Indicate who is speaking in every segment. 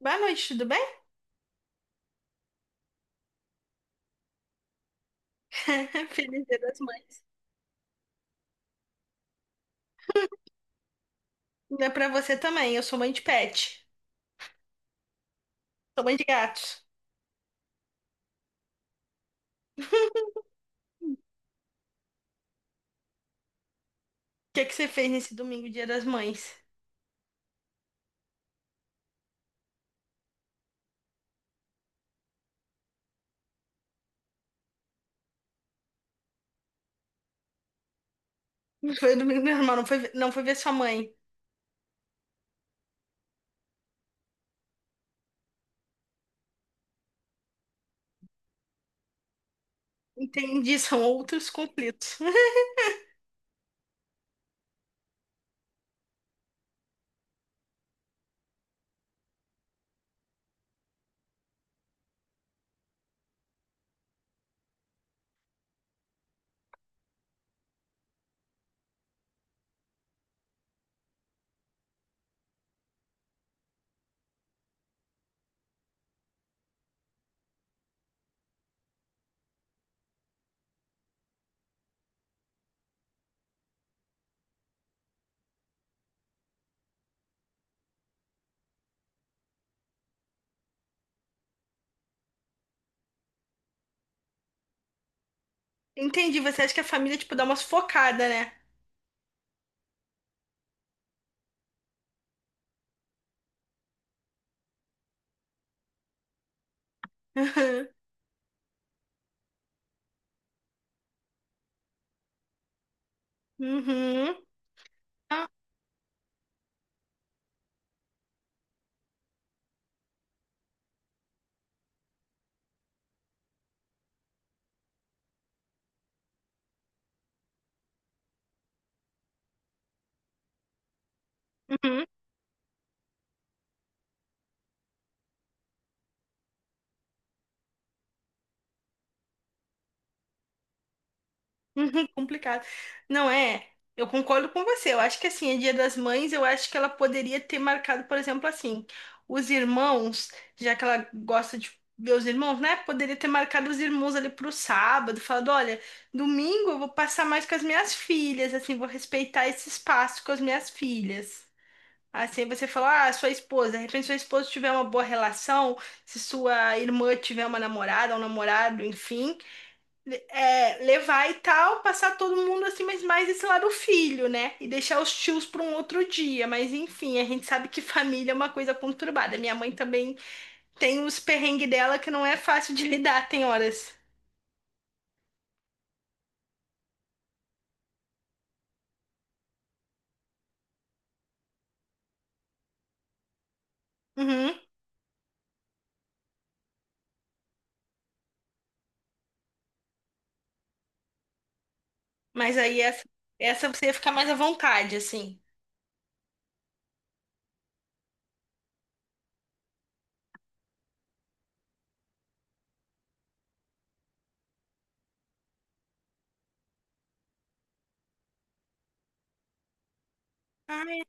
Speaker 1: Boa noite, tudo bem? Feliz Dia das Mães. Não é pra você também, eu sou mãe de pet. Sou mãe de gatos. O que é que você fez nesse domingo, Dia das Mães? Não foi domingo normal, não foi, não foi ver sua mãe. Entendi, são outros conflitos. Entendi, você acha que a família, tipo, dá uma sufocada, né? Uhum. Uhum. Ah, uhum. Uhum, complicado. Não é? Eu concordo com você. Eu acho que assim, é Dia das Mães, eu acho que ela poderia ter marcado, por exemplo, assim, os irmãos, já que ela gosta de ver os irmãos, né? Poderia ter marcado os irmãos ali pro sábado, falando, olha, domingo eu vou passar mais com as minhas filhas, assim, vou respeitar esse espaço com as minhas filhas. Assim, você fala, ah, sua esposa, de repente sua esposa tiver uma boa relação, se sua irmã tiver uma namorada, um namorado, enfim é, levar e tal, passar todo mundo assim, mas mais esse lado filho, né? E deixar os tios para um outro dia. Mas enfim, a gente sabe que família é uma coisa conturbada. Minha mãe também tem os perrengues dela que não é fácil de lidar, tem horas. Uhum. Mas aí essa você ia ficar mais à vontade, assim. Ai,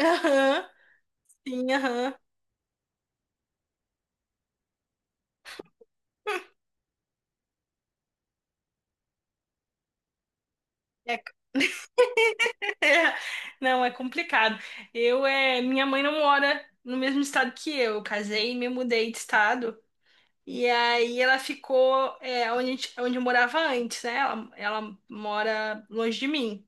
Speaker 1: aham, sim, aham. É, é, não, é complicado. Eu, minha mãe não mora no mesmo estado que eu. Eu casei e me mudei de estado. E aí ela ficou onde, onde eu morava antes, né? Ela mora longe de mim.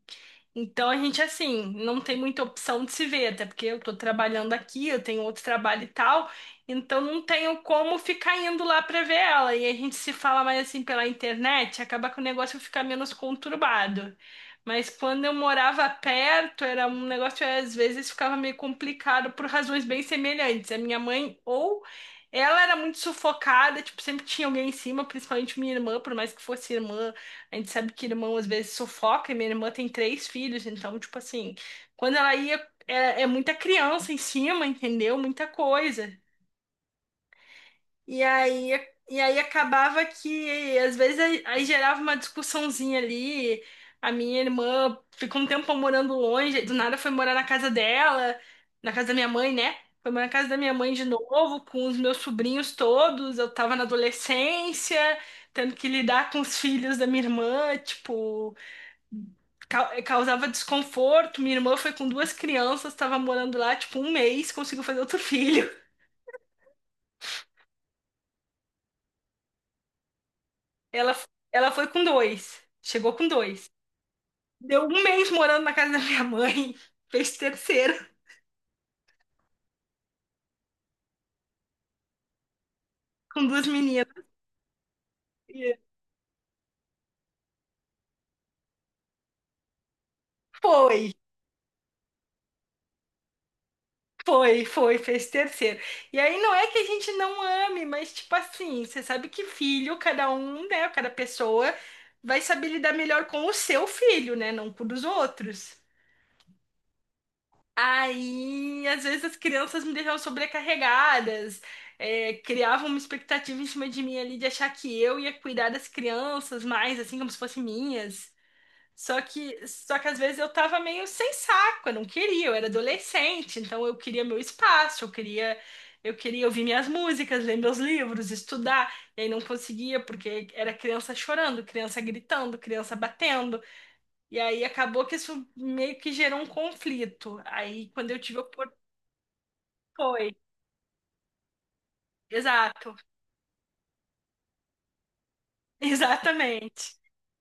Speaker 1: Então a gente assim, não tem muita opção de se ver, até porque eu tô trabalhando aqui, eu tenho outro trabalho e tal, então não tenho como ficar indo lá pra ver ela. E a gente se fala mais assim pela internet, acaba que o negócio fica menos conturbado. Mas quando eu morava perto, era um negócio que às vezes ficava meio complicado por razões bem semelhantes. A minha mãe ou ela era muito sufocada, tipo, sempre tinha alguém em cima, principalmente minha irmã, por mais que fosse irmã. A gente sabe que irmão às vezes sufoca, e minha irmã tem três filhos, então, tipo assim, quando ela ia, é muita criança em cima, entendeu? Muita coisa. E aí, e aí acabava que, às vezes, aí gerava uma discussãozinha ali. A minha irmã ficou um tempo morando longe, do nada foi morar na casa dela, na casa da minha mãe, né? Foi morar na casa da minha mãe de novo, com os meus sobrinhos todos. Eu tava na adolescência, tendo que lidar com os filhos da minha irmã, tipo. Causava desconforto. Minha irmã foi com duas crianças, estava morando lá, tipo, um mês, conseguiu fazer outro filho. Ela, ela foi com dois, chegou com dois. Deu um mês morando na casa da minha mãe, fez terceiro, com duas meninas. E foi, foi, foi, fez terceiro. E aí não é que a gente não ame, mas, tipo assim, você sabe que filho, cada um, né, cada pessoa vai saber lidar melhor com o seu filho, né, não com o dos outros. Aí, às vezes as crianças me deixavam sobrecarregadas, criavam uma expectativa em cima de mim ali de achar que eu ia cuidar das crianças mais, assim, como se fossem minhas. Só que às vezes eu tava meio sem saco, eu não queria, eu era adolescente, então eu queria meu espaço, eu queria ouvir minhas músicas, ler meus livros, estudar, e aí não conseguia, porque era criança chorando, criança gritando, criança batendo. E aí acabou que isso meio que gerou um conflito. Aí quando eu tive a foi, exato, exatamente.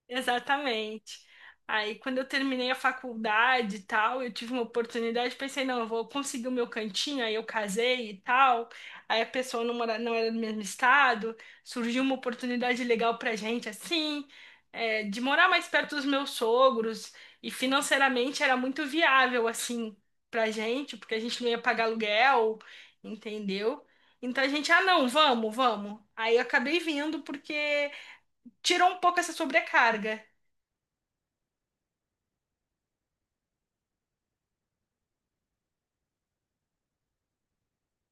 Speaker 1: Exatamente. Aí, quando eu terminei a faculdade e tal, eu tive uma oportunidade, pensei, não, eu vou conseguir o meu cantinho, aí eu casei e tal. Aí a pessoa não mora, não era do mesmo estado, surgiu uma oportunidade legal pra gente, assim, é, de morar mais perto dos meus sogros, e financeiramente era muito viável, assim, pra gente, porque a gente não ia pagar aluguel, entendeu? Então a gente, ah, não, vamos, vamos. Aí eu acabei vindo porque tirou um pouco essa sobrecarga.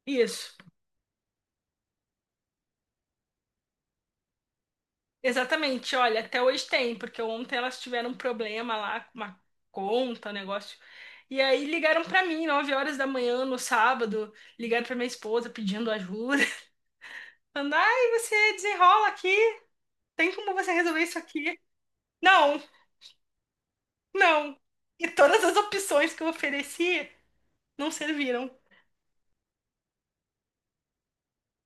Speaker 1: Isso, exatamente. Olha, até hoje tem, porque ontem elas tiveram um problema lá com uma conta, um negócio. E aí ligaram pra mim, 9 horas da manhã no sábado, ligaram pra minha esposa pedindo ajuda. Falando, ai, você desenrola aqui, tem como você resolver isso aqui? Não, não. E todas as opções que eu ofereci não serviram.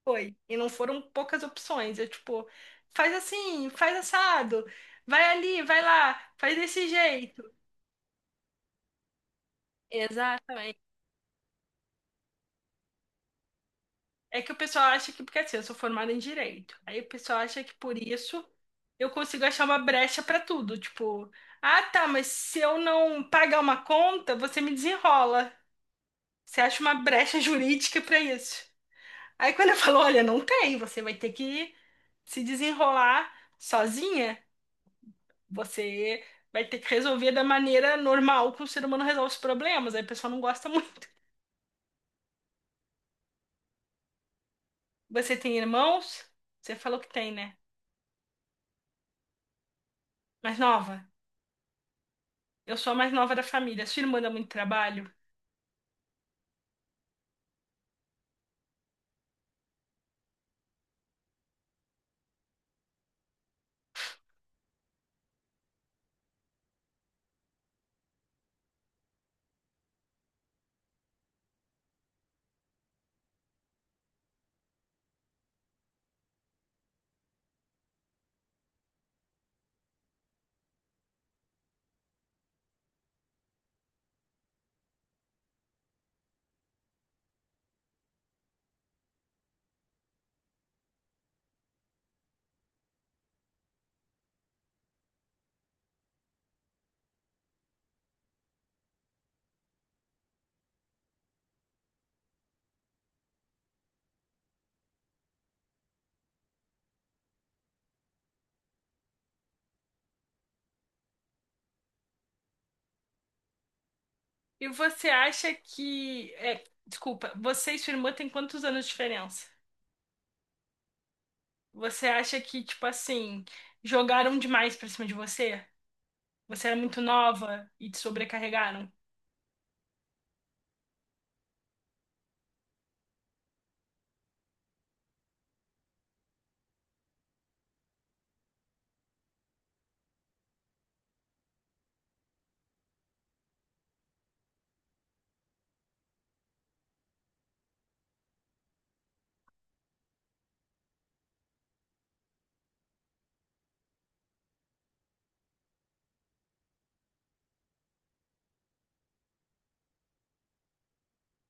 Speaker 1: Foi. E não foram poucas opções. Eu, tipo, faz assim, faz assado, vai ali, vai lá, faz desse jeito. Exatamente. É que o pessoal acha que, porque assim, eu sou formada em direito. Aí o pessoal acha que por isso eu consigo achar uma brecha pra tudo. Tipo, ah, tá, mas se eu não pagar uma conta, você me desenrola. Você acha uma brecha jurídica pra isso. Aí quando eu falo, olha, não tem, você vai ter que se desenrolar sozinha. Você vai ter que resolver da maneira normal que o ser humano resolve os problemas. Aí o pessoal não gosta muito. Você tem irmãos? Você falou que tem, né? Mais nova. Eu sou a mais nova da família. Sua irmã dá muito trabalho? E você acha que. É, desculpa, você e sua irmã têm quantos anos de diferença? Você acha que, tipo assim, jogaram demais pra cima de você? Você era muito nova e te sobrecarregaram?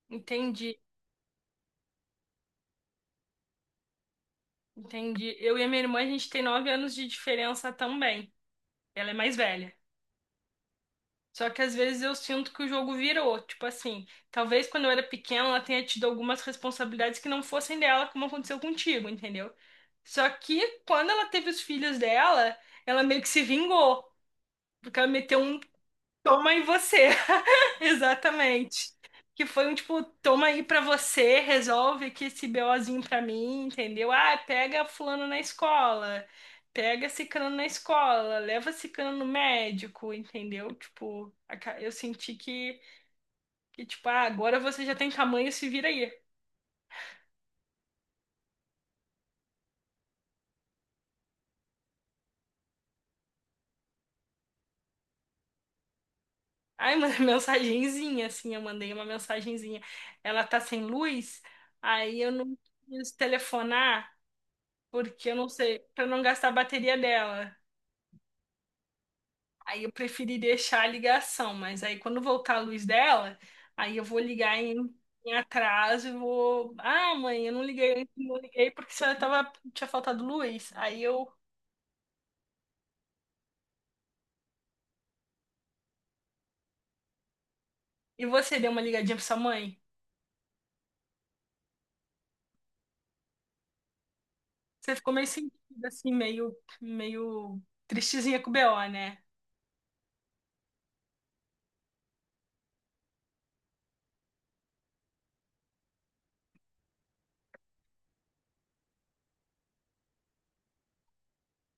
Speaker 1: Entendi, entendi. Eu e a minha irmã, a gente tem nove anos de diferença também. Ela é mais velha. Só que às vezes eu sinto que o jogo virou. Tipo assim, talvez quando eu era pequena ela tenha tido algumas responsabilidades que não fossem dela, como aconteceu contigo, entendeu? Só que quando ela teve os filhos dela, ela meio que se vingou. Porque ela meteu um Toma em você. Exatamente. Que foi um tipo, toma aí pra você, resolve aqui esse BOzinho pra mim, entendeu? Ah, pega fulano na escola, pega ciclano na escola, leva ciclano no médico, entendeu? Tipo, eu senti que tipo, ah, agora você já tem tamanho, se vira aí. Aí mandei mensagenzinha, assim, eu mandei uma mensagenzinha. Ela tá sem luz, aí eu não quis telefonar, porque eu não sei, pra não gastar a bateria dela. Aí eu preferi deixar a ligação, mas aí quando voltar a luz dela, aí eu vou ligar em atraso e vou. Ah, mãe, eu não liguei porque a senhora tava, tinha faltado luz. Aí eu. E você deu uma ligadinha pra sua mãe? Você ficou meio sentida, assim, meio tristezinha com o BO, né?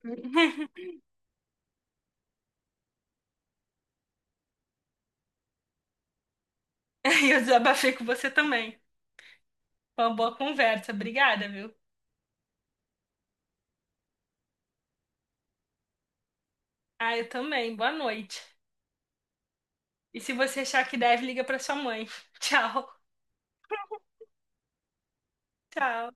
Speaker 1: E eu desabafei com você também. Foi uma boa conversa, obrigada, viu? Ah, eu também, boa noite. E se você achar que deve, liga pra sua mãe. Tchau, tchau.